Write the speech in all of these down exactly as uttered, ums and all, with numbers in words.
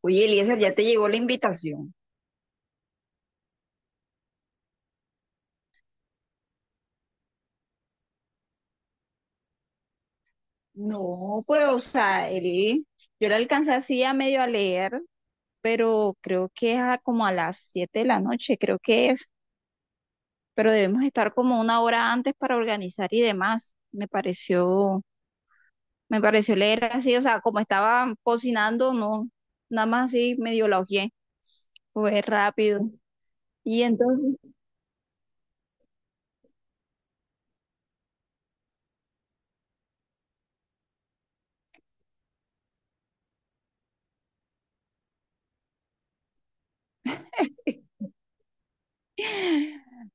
Oye, Eliezer, ya te llegó la invitación. No, pues, o sea, él, yo la alcancé así a medio a leer, pero creo que es a- como a las siete de la noche, creo que es, pero debemos estar como una hora antes para organizar y demás. Me pareció, me pareció leer así, o sea, como estaba cocinando, no, nada más así medio la hojeé, fue rápido. Y entonces,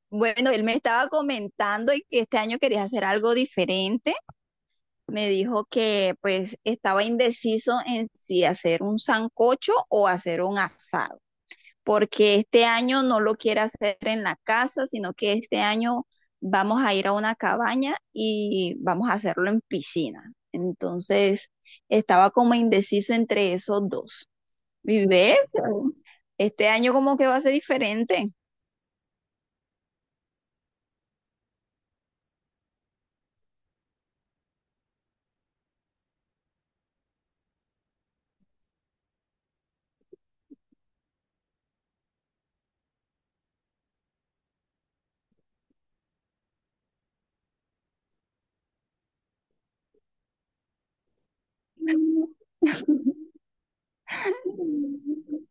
bueno, él me estaba comentando y que este año quería hacer algo diferente. Me dijo que pues estaba indeciso en si hacer un sancocho o hacer un asado, porque este año no lo quiere hacer en la casa, sino que este año vamos a ir a una cabaña y vamos a hacerlo en piscina. Entonces, estaba como indeciso entre esos dos. ¿Y ves? Este año como que va a ser diferente.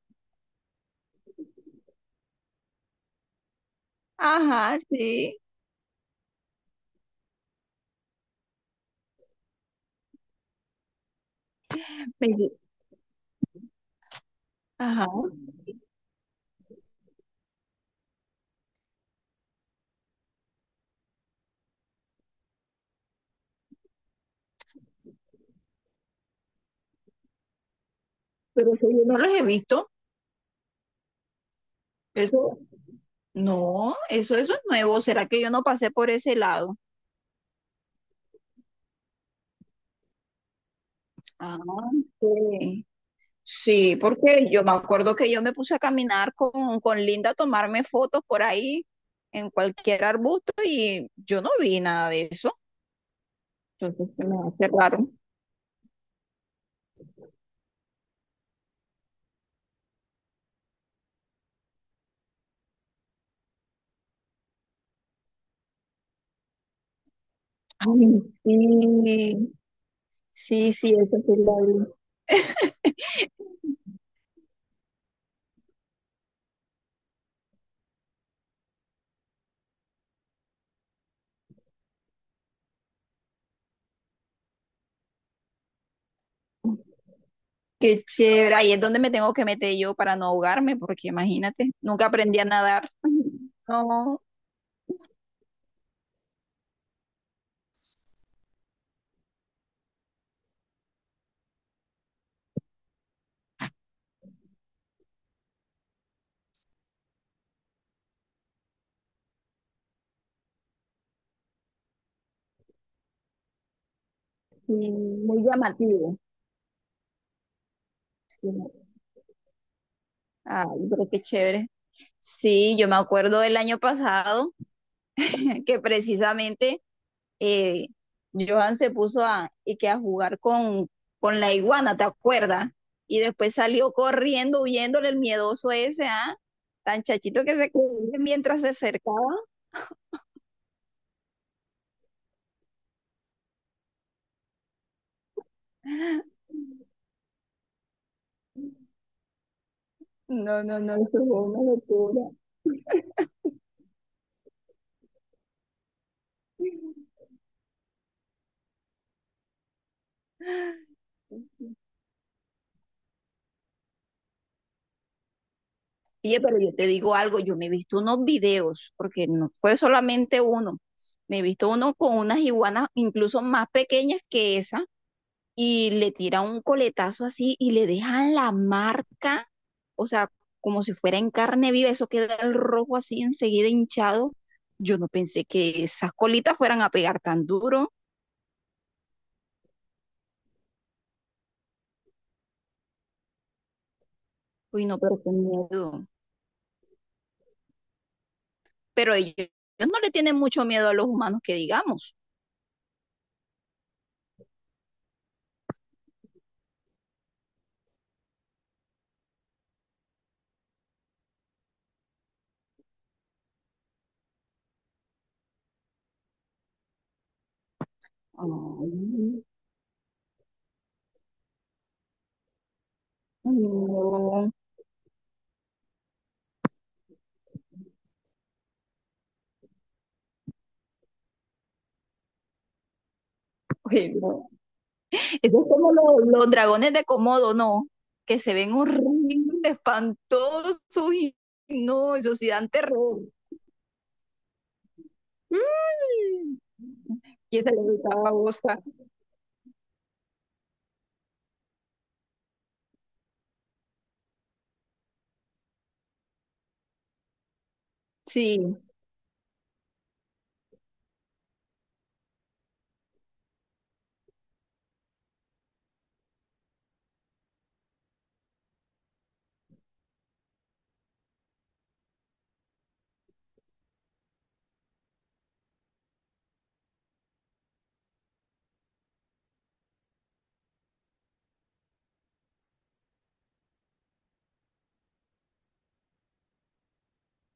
Ajá, sí. Me- Ajá, pero eso yo no los he visto. Eso No, eso, eso es nuevo. ¿Será que yo no pasé por ese lado? Ah, ok. Sí, porque yo me acuerdo que yo me puse a caminar con, con Linda a tomarme fotos por ahí en cualquier arbusto y yo no vi nada de eso. Entonces se me hace raro. Ay, sí, sí, sí, eso sí lo vi. Qué chévere. Ahí es donde me tengo que meter yo para no ahogarme, porque imagínate, nunca aprendí a nadar. No. Sí, muy llamativo. Sí. Ay, pero qué chévere. Sí, yo me acuerdo del año pasado que precisamente eh, Johan se puso a, y que a jugar con, con la iguana, ¿te acuerdas? Y después salió corriendo, viéndole el miedoso ese, ¿ah? Tan chachito que se corría mientras se acercaba. No, no, no, eso fue una locura. Oye, pero yo te digo algo, yo me he visto unos videos, porque no fue solamente uno, me he visto uno con unas iguanas incluso más pequeñas que esa, y le tiran un coletazo así y le dejan la marca, o sea, como si fuera en carne viva, eso queda el rojo así enseguida hinchado. Yo no pensé que esas colitas fueran a pegar tan duro. Uy, no, pero qué miedo. Pero ellos, ellos no le tienen mucho miedo a los humanos que digamos. Ay, no. Uy, no. Eso es como lo- los, dragones de Komodo, ¿no? Que se ven horribles, espantosos y no, eso sí dan terror. Mm. Y esa le gustaba a Bosa. Sí,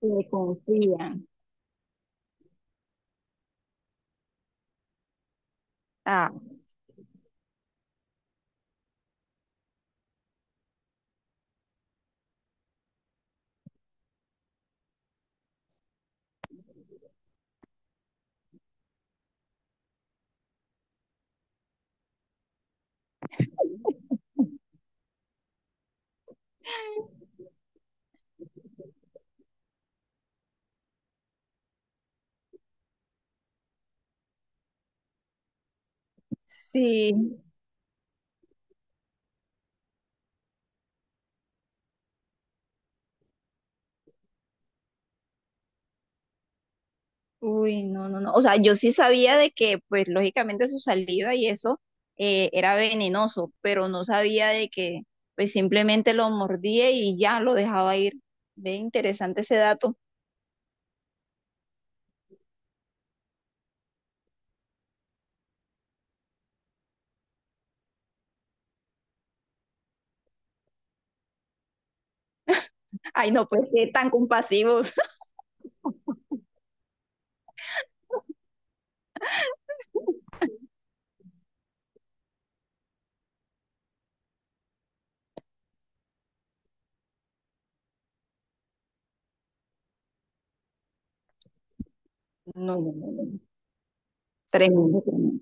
le confían. Ah, sí. Uy, no, no, no. O sea, yo sí sabía de que, pues, lógicamente su saliva y eso eh, era venenoso, pero no sabía de que, pues, simplemente lo mordía y ya lo dejaba ir. Ve interesante ese dato. Ay, no, pues, qué tan compasivos. No, no, no, no, no. Tremendo, tremendo.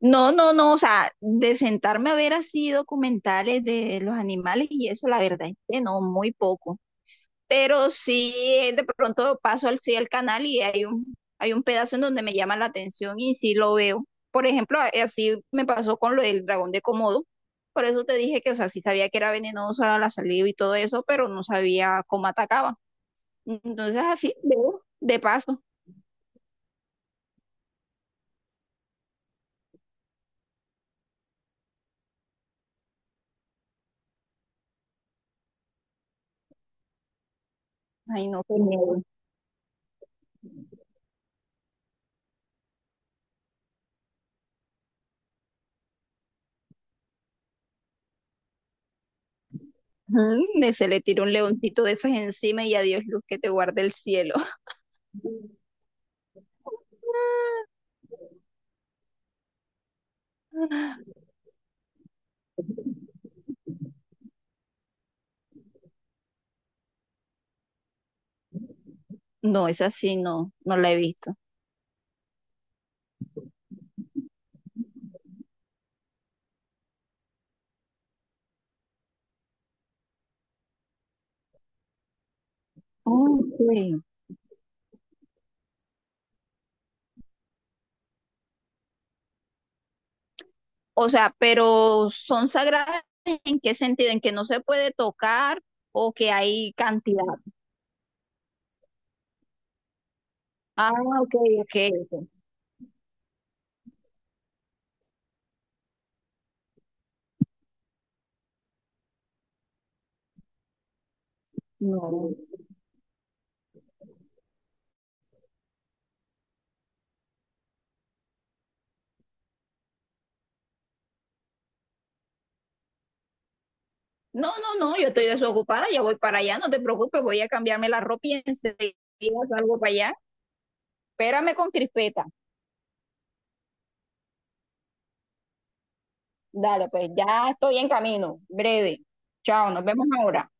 No, no, no, o sea, de sentarme a ver así documentales de los animales y eso, la verdad es que no, muy poco. Pero sí, eh, de pronto paso al, sí, al canal y hay un, hay un pedazo en donde me llama la atención y sí lo veo. Por ejemplo, a- así me pasó con lo del dragón de Komodo. Por eso te dije que, o sea, sí sabía que era venenoso a la saliva y todo eso, pero no sabía cómo atacaba. Entonces así veo, de paso. Ay, no, qué miedo. Ujú, y se le tira un leoncito de esos encima y adiós luz que te guarde el cielo. No, es así, no, no la he visto. Ok. O sea, pero son sagradas en qué sentido, en que no se puede tocar o que hay cantidad. Ah, ok, ok, ok. No. No, no, no, yo estoy desocupada, ya voy para allá, no te preocupes, voy a cambiarme la ropa y enseguida salgo para allá. Espérame con crispeta. Dale, pues ya estoy en camino, breve. Chao, nos vemos ahora.